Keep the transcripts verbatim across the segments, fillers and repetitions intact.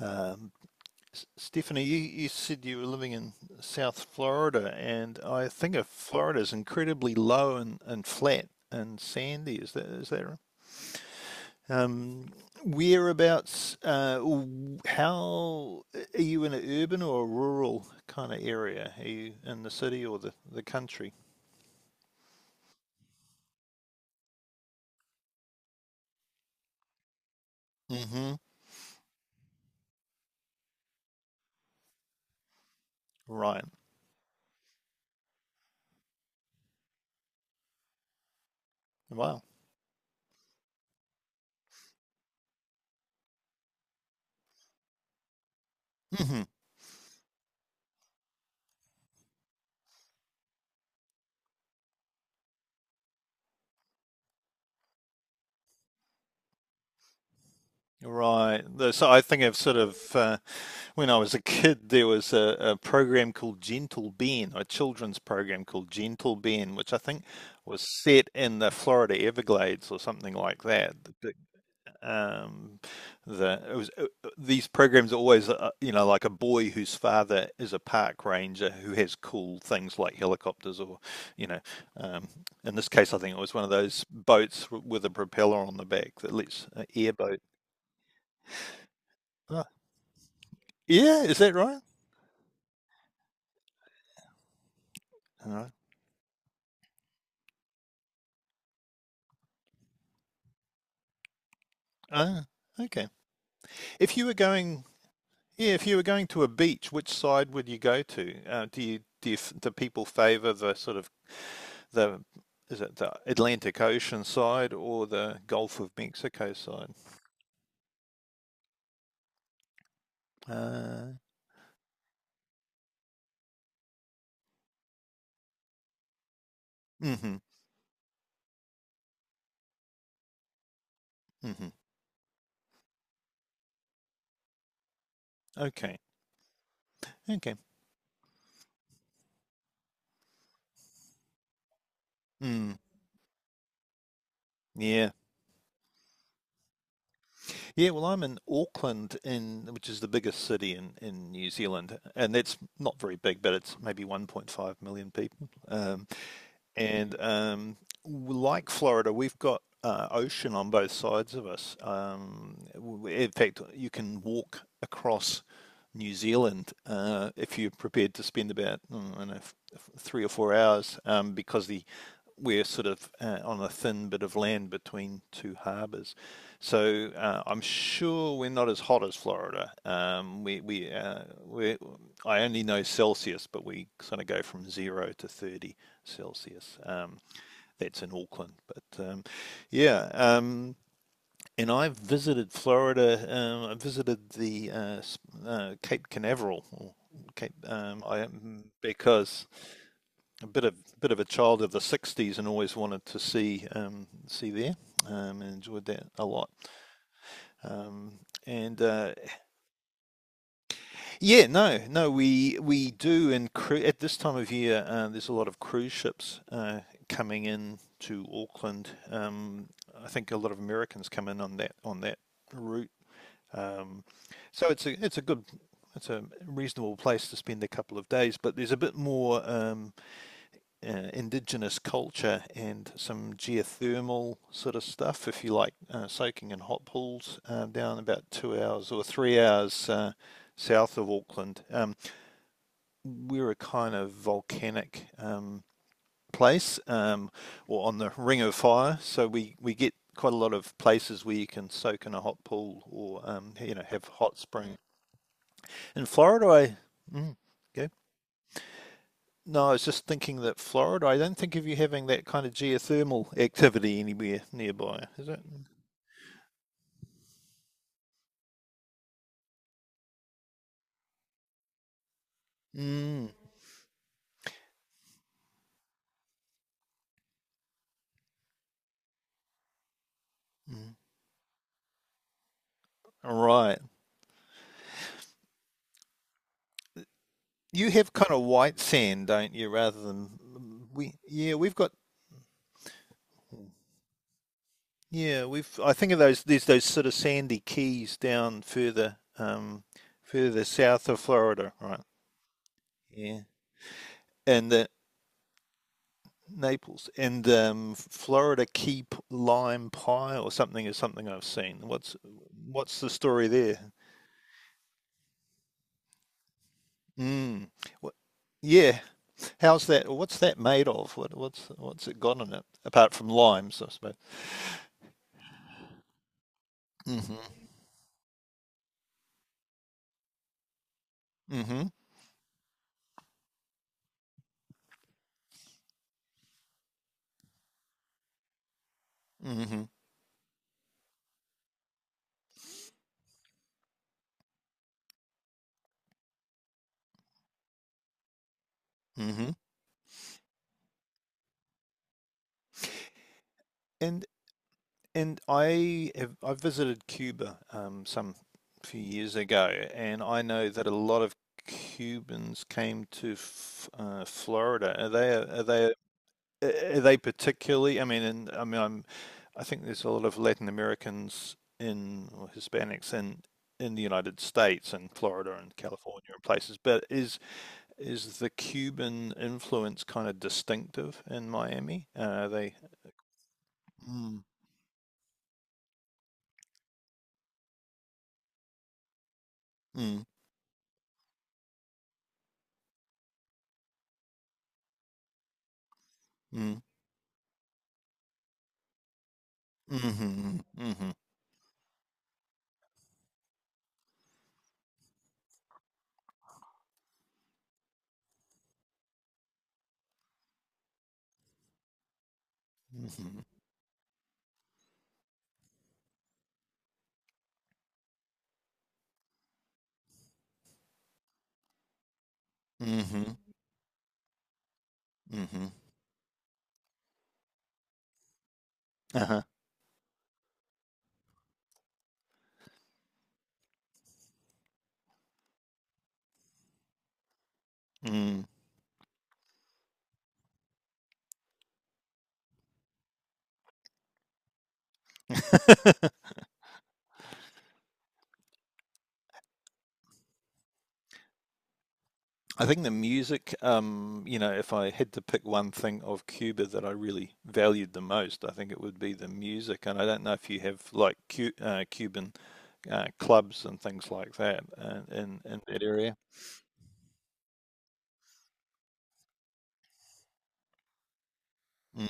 Um, Stephanie, you, you said you were living in South Florida, and I think of Florida is incredibly low and, and flat and sandy. Is that is that right? Um, whereabouts? Uh, How are you in an urban or a rural kind of area? Are you in the city or the the country? Mm-hmm. Right. Wow. Hmm. Right. The- So I think I've sort of, uh, when I was a kid, there was a, a program called Gentle Ben, a children's program called Gentle Ben, which I think was set in the Florida Everglades or something like that. The big- Um, the it was uh, uh, these programs are always, uh, you know, like a boy whose father is a park ranger who has cool things like helicopters, or, you know, um, in this case, I think it was one of those boats w- with a propeller on the back that lets uh, airboat. Yeah, is that right? Alright. Ah, okay. If you were going, yeah, if you were going to a beach, which side would you go to? Uh, do you do you, do people favor the sort of the is it the Atlantic Ocean side or the Gulf of Mexico side? Uh, mm-hmm, mm-hmm. Okay, okay. Mm, yeah, yeah. Well, I'm in Auckland, in which is the biggest city in in New Zealand, and that's not very big, but it's maybe one point five million people. Um, and um, like Florida, we've got uh, ocean on both sides of us. Um, in fact, you can walk across New Zealand uh, if you're prepared to spend about mm, I don't know, three or four hours um, because the we're sort of uh, on a thin bit of land between two harbours. So uh, I'm sure we're not as hot as Florida. Um, we we uh, we I only know Celsius, but we sort of go from zero to thirty Celsius. Um, that's in Auckland. But um, yeah, um, and I've visited Florida. Um, I visited the uh, uh, Cape Canaveral, or Cape. Um, I um, because a bit of bit of a child of the sixties and always wanted to see um, see there. Um, and enjoyed that a lot. Um, and uh, Yeah, no, no, we we do, and cru- at this time of year, uh, there's a lot of cruise ships uh, coming in to Auckland. Um, I think a lot of Americans come in on that on that route. Um, so it's a it's a good it's a reasonable place to spend a couple of days, but there's a bit more um, uh, indigenous culture and some geothermal sort of stuff if you like uh, soaking in hot pools uh, down about two hours or three hours uh, south of Auckland. Um, we're a kind of volcanic um, place um, or on the ring of fire. So we, we get quite a lot of places where you can soak in a hot pool or, um, you know, have hot spring. In Florida, I mm, go. No, I was just thinking that Florida. I don't think of you having that kind of geothermal activity anywhere nearby, is it? Mm, mm. Right. You have kind of white sand, don't you, rather than we? Yeah, we've got. Yeah, we've. I think of those. There's those sort of sandy keys down further, um, further south of Florida, right? Yeah, and the Naples and um, Florida key p- lime pie or something is something I've seen. What's what's the story there? Mm. What, yeah, how's that? What's that made of? What what's what's it got in it apart from limes, I suppose. Mm-hmm. Mm-hmm. Mm-hmm. Mm-hmm. And And I have, I visited Cuba um, some few years ago, and I know that a lot of Cubans came to f uh, Florida. Are they are they are they particularly? I mean, and I mean, I'm, I think there's a lot of Latin Americans in or Hispanics in in the United States and Florida and California and places. But is is the Cuban influence kind of distinctive in Miami? Uh, are they? Mm, mm, mm. Mhm, mhm, mhm, mhm, mhm, uh-huh, mm. I think the music, um, you know, if I had to pick one thing of Cuba that I really valued the most, I think it would be the music. And I don't know if you have like Cu uh, Cuban uh, clubs and things like that uh, in in that area. Mm.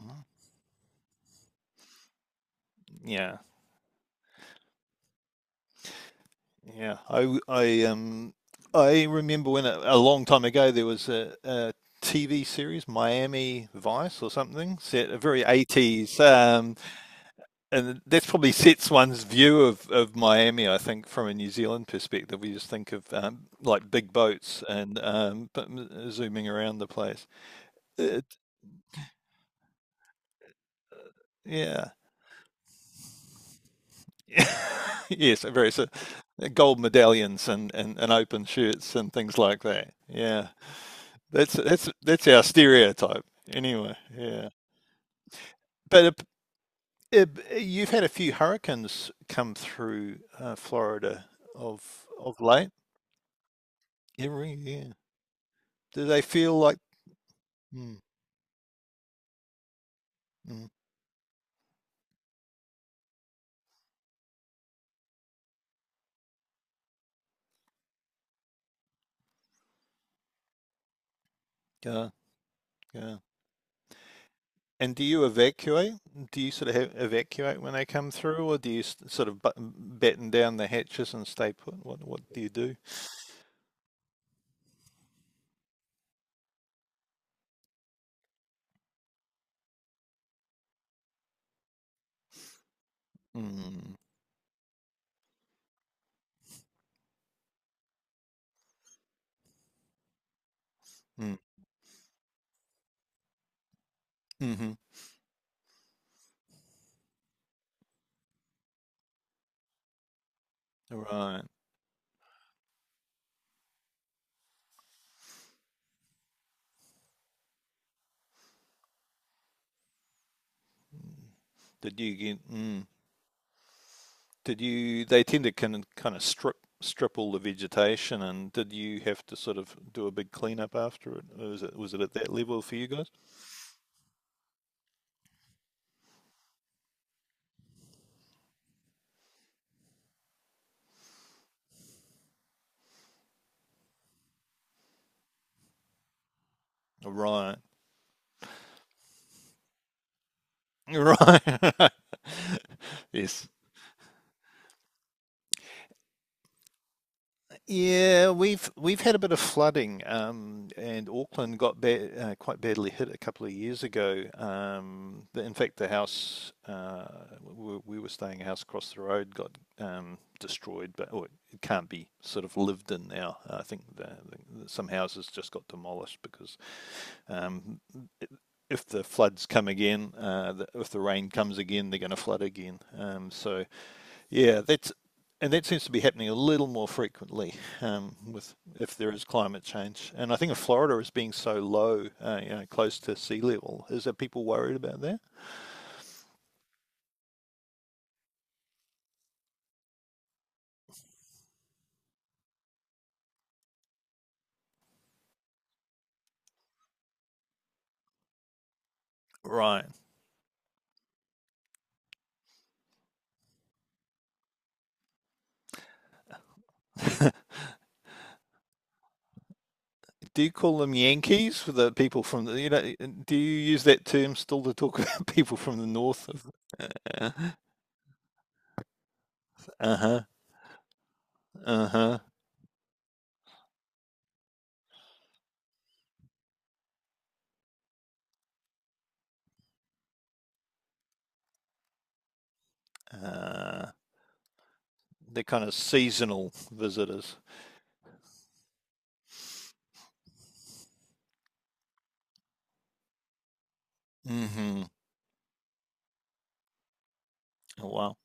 Mm. Yeah. Yeah, I I um I remember when a, a long time ago there was a, a T V series, Miami Vice or something, set a very eighties, um, and that's probably sets one's view of, of Miami, I think, from a New Zealand perspective. We just think of, um, like big boats and um, but m- zooming around the place. It, yeah. Yes, very so, gold medallions and, and, and open shirts and things like that. Yeah. That's that's that's our stereotype anyway. Yeah, but it, it, you've had a few hurricanes come through uh, Florida of of late. Every year, do they feel like? Mm, mm, yeah, yeah. And do you evacuate? Do you sort of have, evacuate when they come through, or do you s- sort of button, batten down the hatches and stay put? What what do you do? Mm, mm, mm-hmm. Right. Did you get? Mm. Did you? They tend to kind of, kind of strip strip all the vegetation, and did you have to sort of do a big cleanup after it? Was it was it at that level for you guys? Right, right. Yes, yeah, we've we've had a bit of flooding, um, and Auckland got ba uh, quite badly hit a couple of years ago. Um, the, in fact, the house uh, we, we were staying a house across the road got, um, destroyed, but or it can't be sort of lived in now. I think the, the, some houses just got demolished because, um, it, if the floods come again, uh, the, if the rain comes again, they're going to flood again. Um, so yeah, that's and that seems to be happening a little more frequently um, with if there is climate change. And I think of Florida as being so low, uh, you know, close to sea level. Is there people worried about that? Right. Do you call them Yankees for the people from the, you know, do you use that term still to talk about people from the north of, uh, uh-huh, uh-huh, uh, they're kind of seasonal visitors. Mm-hmm. Oh, wow.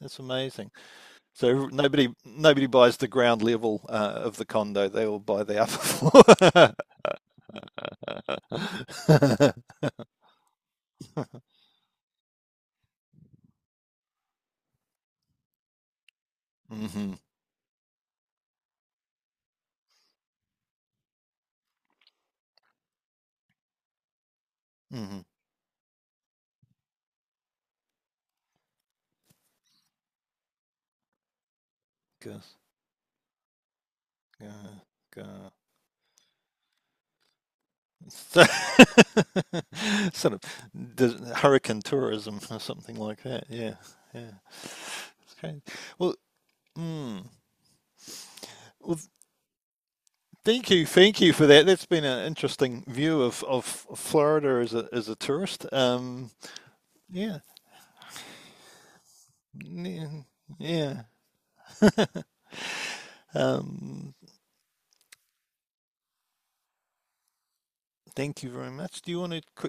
That's amazing. So nobody nobody buys the ground level uh, of the condo. They all buy the upper floor. Hmm. Hmm. Gus, gus, gus. sort of hurricane tourism or something like that. Yeah, yeah. It's crazy. Well, mm, well, thank you, thank you for that. That's been an interesting view of, of Florida as a as a tourist. Um, yeah, yeah. Yeah. Um, Thank you very much. Do you want to